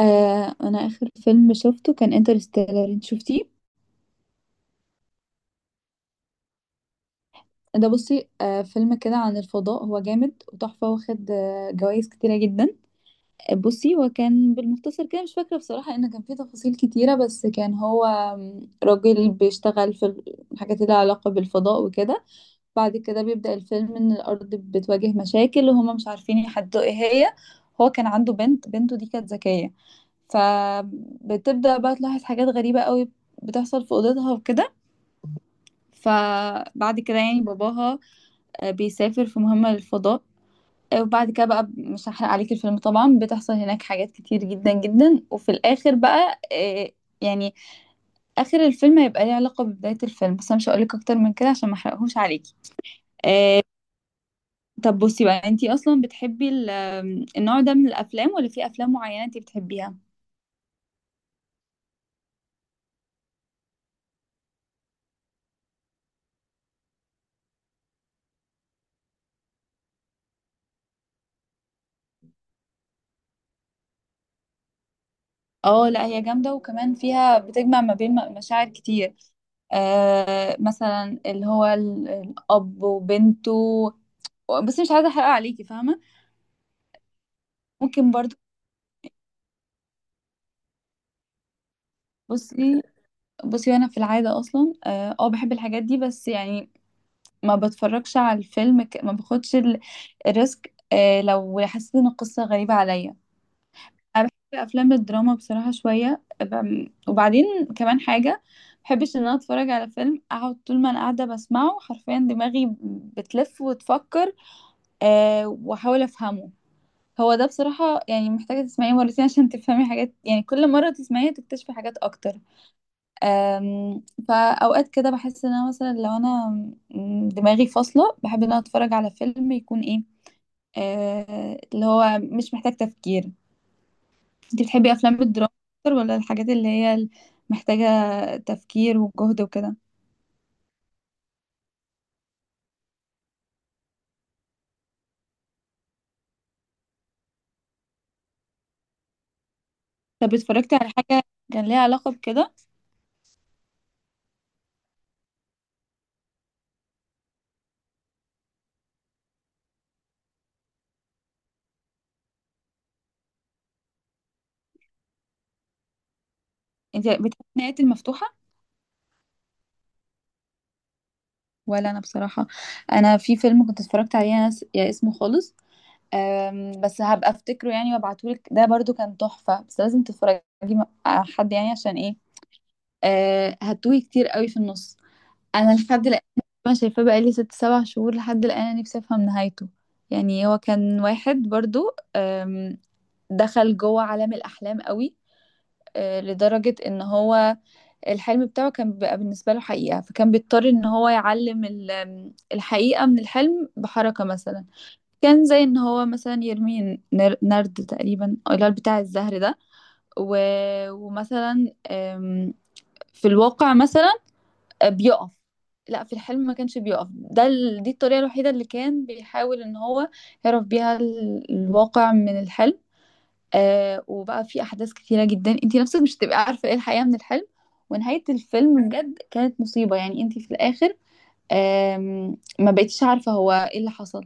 آه، انا اخر فيلم شفته كان انترستيلر. انت شفتيه؟ ده بصي، فيلم كده عن الفضاء. هو جامد وتحفه، واخد جوائز كتيره جدا. بصي، هو كان بالمختصر كده. مش فاكره بصراحه ان كان فيه تفاصيل كتيره، بس كان هو راجل بيشتغل في الحاجات اللي لها علاقه بالفضاء وكده. بعد كده بيبدا الفيلم ان الارض بتواجه مشاكل، وهما مش عارفين يحددوا ايه هي. هو كان عنده بنت، بنته دي كانت ذكيه، فبتبدا بقى تلاحظ حاجات غريبه قوي بتحصل في اوضتها وكده. فبعد كده يعني باباها بيسافر في مهمة للفضاء. وبعد كده بقى مش هحرق عليك الفيلم طبعا. بتحصل هناك حاجات كتير جدا جدا، وفي الآخر بقى يعني آخر الفيلم هيبقى ليه علاقة ببداية الفيلم. بس أنا مش هقولك أكتر من كده عشان ما أحرقهوش عليكي. طب بصي بقى، انتي أصلا بتحبي ال- آم، النوع ده من الأفلام، ولا في أفلام معينة انتي بتحبيها؟ اه لا، هي جامدة، وكمان فيها بتجمع ما بين مشاعر كتير. مثلا اللي هو الأب وبنته. بس مش عايزة أحرق عليكي، فاهمة. ممكن برضو. بصي بصي، وأنا في العادة أصلا اه، بحب الحاجات دي، بس يعني ما بتفرجش على الفيلم ما باخدش الريسك لو حسيت إن القصة غريبة عليا. في أفلام الدراما بصراحة شوية، وبعدين كمان حاجة، بحبش إن أنا أتفرج على فيلم أقعد طول ما أنا قاعدة بسمعه، حرفيا دماغي بتلف وتفكر وأحاول أفهمه. هو ده بصراحة يعني محتاجة تسمعيه مرتين عشان تفهمي حاجات، يعني كل مرة تسمعيه تكتشفي حاجات أكتر. أم، فأوقات كده بحس إن أنا مثلا لو أنا دماغي فاصلة، بحب إن أنا أتفرج على فيلم يكون إيه، اللي هو مش محتاج تفكير. أنت بتحبي أفلام الدراما أكتر، ولا الحاجات اللي هي محتاجة تفكير وجهد وكده؟ طب اتفرجتي على حاجة كان ليها علاقة بكده؟ أنت بتحبي النهايات المفتوحة؟ ولا أنا بصراحة. أنا في فيلم كنت اتفرجت عليه أنا، يا اسمه خالص. بس هبقى افتكره يعني وابعتهولك، ده برضو كان تحفة. بس لازم تتفرجي مع حد يعني، عشان ايه؟ هتوهي كتير قوي في النص. انا لحد الان ما شايفاه بقالي 6 7 شهور، لحد الان انا نفسي افهم نهايته. يعني هو كان واحد برضو، دخل جوه عالم الاحلام قوي، لدرجة ان هو الحلم بتاعه كان بيبقى بالنسبة له حقيقة، فكان بيضطر ان هو يعلم الحقيقة من الحلم بحركة مثلا. كان زي ان هو مثلا يرمي نرد تقريبا، أو اللي هو بتاع الزهر ده. و... ومثلا في الواقع مثلا بيقف. لا، في الحلم ما كانش بيقف، ده دي الطريقة الوحيدة اللي كان بيحاول ان هو يعرف بيها الواقع من الحلم. وبقى في احداث كتيرة جدا، انتي نفسك مش هتبقي عارفة ايه الحقيقة من الحلم. ونهاية الفيلم بجد كانت مصيبة، يعني انتي في الاخر ما بقيتش عارفة هو ايه اللي حصل.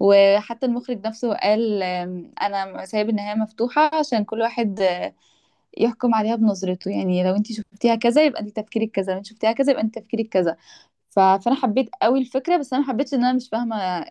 وحتى المخرج نفسه قال انا سايب النهاية مفتوحة عشان كل واحد يحكم عليها بنظرته. يعني لو انت شفتيها كذا يبقى انت تفكيرك كذا، لو انت شفتيها كذا يبقى انت تفكيرك كذا. فانا حبيت قوي الفكرة، بس انا ما حبيتش ان انا مش فاهمة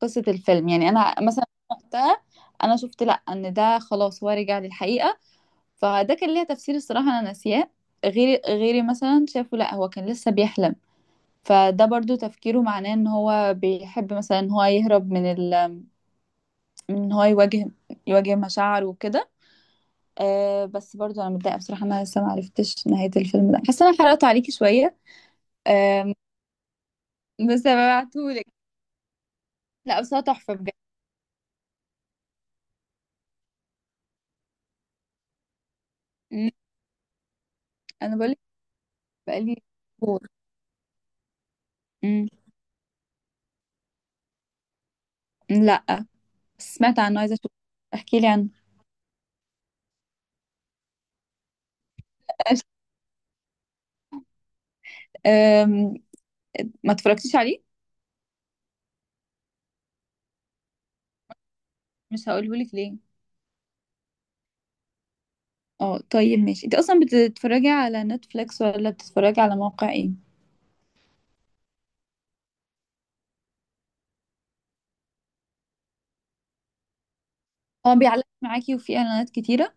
قصة الفيلم. يعني انا مثلا وقتها، انا شفت لا ان ده خلاص هو رجع للحقيقة، فده كان ليها تفسير الصراحة انا ناسياه. غيري غيري مثلا شافوا لا هو كان لسه بيحلم، فده برضو تفكيره معناه ان هو بيحب مثلا ان هو يهرب من من ان هو يواجه مشاعره وكده. بس برضو انا متضايقه بصراحه إن انا لسه ما عرفتش نهايه الفيلم ده، حاسه انا حرقته عليكي شويه. آه بس هبعتهولك. لا، بس هو تحفه بجد. أمم، انا بقول لك، بقالي شهور. أمم، لا، بس سمعت عنه، عايزه اشوف. احكي لي عنه. آه، ما اتفرجتيش عليه؟ مش هقوله لك ليه. اه طيب ماشي. انت اصلا بتتفرجي على نتفليكس، ولا بتتفرجي على موقع ايه؟ اه، بيعلق معاكي وفي اعلانات كتيره؟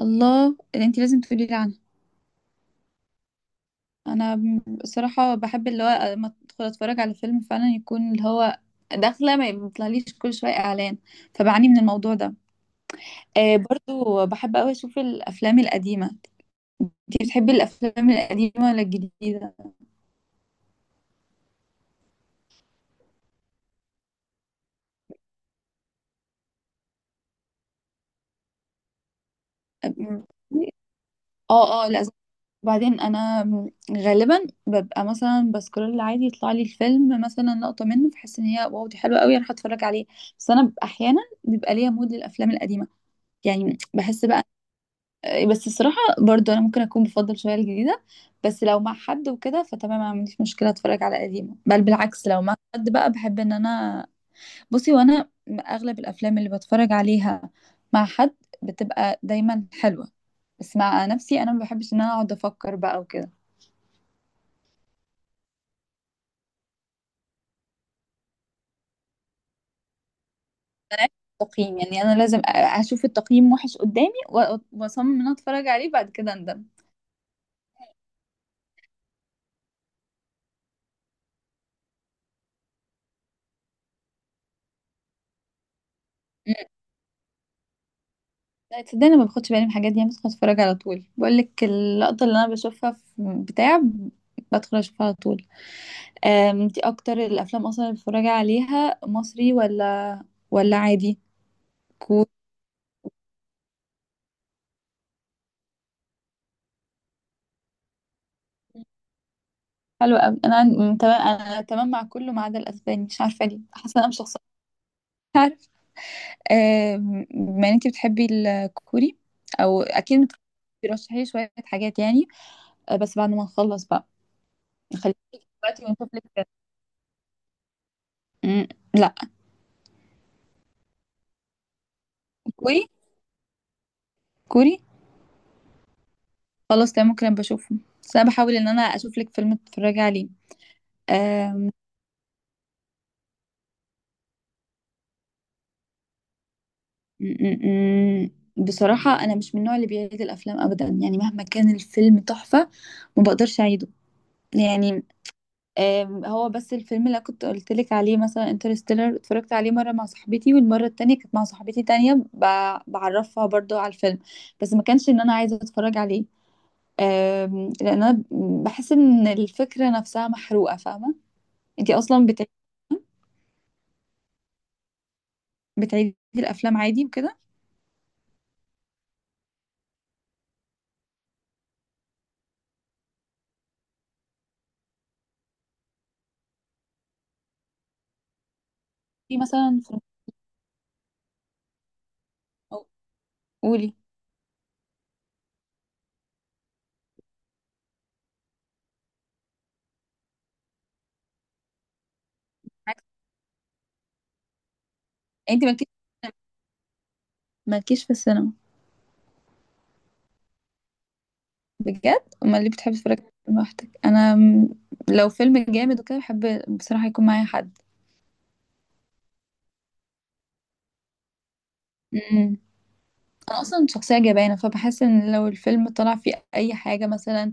الله، اللي انت لازم تقولي لي عنها. انا بصراحه بحب اللي هو لما ادخل اتفرج على فيلم فعلا يكون اللي هو داخله ما يطلعليش كل شويه اعلان. فبعاني من الموضوع ده. برضو بحب قوي اشوف الافلام القديمه. انت بتحبي الافلام القديمه ولا الجديده؟ اه اه، لا. وبعدين انا غالبا ببقى مثلا بسكرول عادي، يطلع لي الفيلم مثلا لقطه منه، فحس ان هي واو دي حلوه قوي، انا هتفرج عليه. بس انا ببقى احيانا بيبقى ليا مود للافلام القديمه، يعني بحس بقى. بس الصراحه برضو انا ممكن اكون بفضل شويه الجديده. بس لو مع حد وكده فتمام، ما عنديش مشكله اتفرج على قديمه، بل بالعكس، لو مع حد بقى بحب ان انا. بصي، وانا اغلب الافلام اللي بتفرج عليها مع حد بتبقى دايما حلوه، بس مع نفسي انا ما بحبش ان انا اقعد افكر بقى وكده. ملهاش تقييم يعني، انا لازم اشوف التقييم وحش قدامي واصمم ان أنا اتفرج عليه، بعد كده اندم. مم. لا تصدقني، أنا ما باخدش بالي من الحاجات دي. أنا بدخل اتفرج على طول، بقول لك اللقطه اللي انا بشوفها في بتاع، بدخل اشوفها على طول. انتي اكتر الافلام اصلا اللي بتتفرجي عليها مصري ولا عادي؟ كو- حلو قوي. انا تمام مع كله، ما عدا الاسباني. مش عارفه ليه، حاسه انا مش شخصيه. مش عارف. بما ان انتي بتحبي الكوري او اكيد، بترشحي لي شويه حاجات يعني، بس بعد ما نخلص بقى. خليكي دلوقتي ونشوف لك. مم، لا. كوري كوري؟ خلاص تمام، ممكن أبقى اشوفه. بس انا بحاول ان انا اشوف لك فيلم تتفرجي عليه. آم، م- م- م. بصراحة انا مش من النوع اللي بيعيد الافلام ابدا. يعني مهما كان الفيلم تحفة، ما بقدرش اعيده يعني. هو بس الفيلم اللي كنت قلت لك عليه مثلا انترستيلر، اتفرجت عليه مرة مع صاحبتي، والمرة التانية كانت مع صاحبتي تانية بعرفها برضو على الفيلم. بس ما كانش ان انا عايزة اتفرج عليه. لان انا بحس ان الفكره نفسها محروقه، فاهمه. انتي اصلا بتعيدي الافلام عادي وكده؟ في مثلا فيلم- أو- قولي. عكس- يعني انتي مالكيش في السينما؟ بجد، امال ليه بتحبي تتفرجي لوحدك؟ انا لو فيلم جامد وكده، بحب بصراحه يكون معايا حد. امم انا اصلا شخصيه جبانه، فبحس ان لو الفيلم طلع فيه اي حاجه مثلا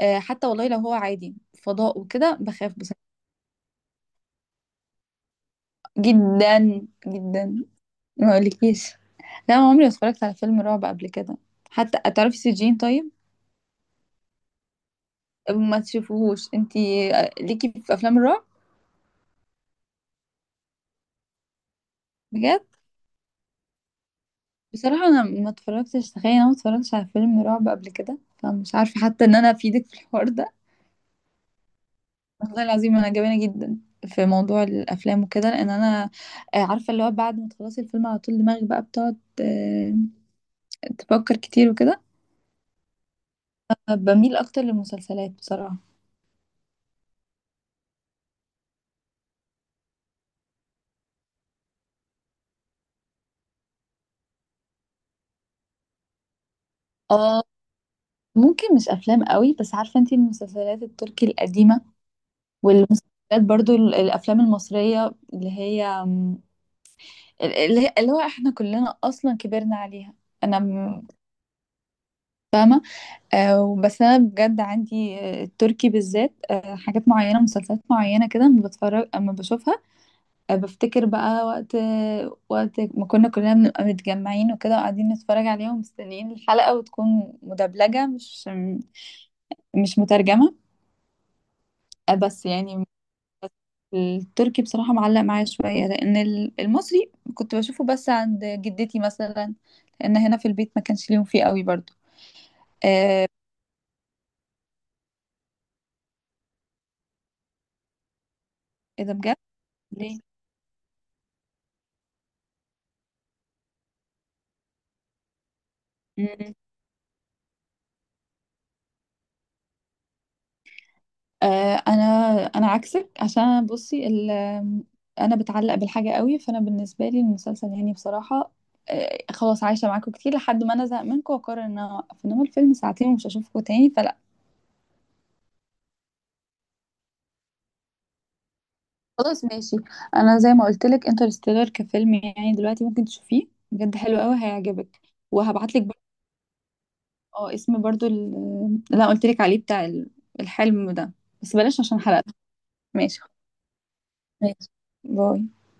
حتى والله لو هو عادي فضاء وكده، بخاف بصراحه جدا جدا، ما اقولكيش. لا، أنا عمري ما اتفرجت على فيلم رعب قبل كده. حتى تعرفي سجين؟ طيب ما تشوفوهوش انتي. ليكي في افلام الرعب؟ بجد، بصراحة انا ما اتفرجتش، تخيل انا ما اتفرجتش على فيلم رعب قبل كده، فمش عارفة حتى ان انا افيدك في الحوار ده. والله العظيم انا جبانة جدا في موضوع الافلام وكده، لان انا عارفة اللي هو بعد ما تخلصي الفيلم على طول دماغك بقى بتقعد تفكر كتير وكده. بميل اكتر للمسلسلات بصراحة. اه، ممكن مش افلام قوي، بس عارفة انتي المسلسلات التركي القديمة، والمسلسلات، برضو الافلام المصريه اللي هي اللي هو احنا كلنا اصلا كبرنا عليها. انا بس انا بجد عندي التركي بالذات حاجات معينه، مسلسلات معينه كده اما بتفرج اما بشوفها. بفتكر بقى وقت ما كنا كلنا بنبقى متجمعين وكده وقاعدين نتفرج عليهم، مستنيين الحلقه، وتكون مدبلجه مش مترجمه. بس يعني التركي بصراحة معلق معايا شوية، لأن المصري كنت بشوفه بس عند جدتي مثلا، لأن هنا في البيت ما كانش ليهم فيه قوي برضو. آه إيه ده بجد؟ ليه؟ مم. آه أنا أنا عكسك عشان بصي أنا بتعلق بالحاجة قوي، فأنا بالنسبة لي المسلسل يعني بصراحة خلاص عايشة معاكم كتير لحد ما أنا زهق منكم وأقرر إن أنا أوقف، إنما الفيلم ساعتين ومش هشوفكم تاني. خلاص ماشي. انا زي ما قلت لك انترستيلر كفيلم يعني دلوقتي ممكن تشوفيه، بجد حلو قوي، هيعجبك. وهبعت لك برضه، اه، اسم برضه اللي انا قلت لك عليه، بتاع الحلم ده. بس بلاش عشان حرقت. ماشي ماشي. باي.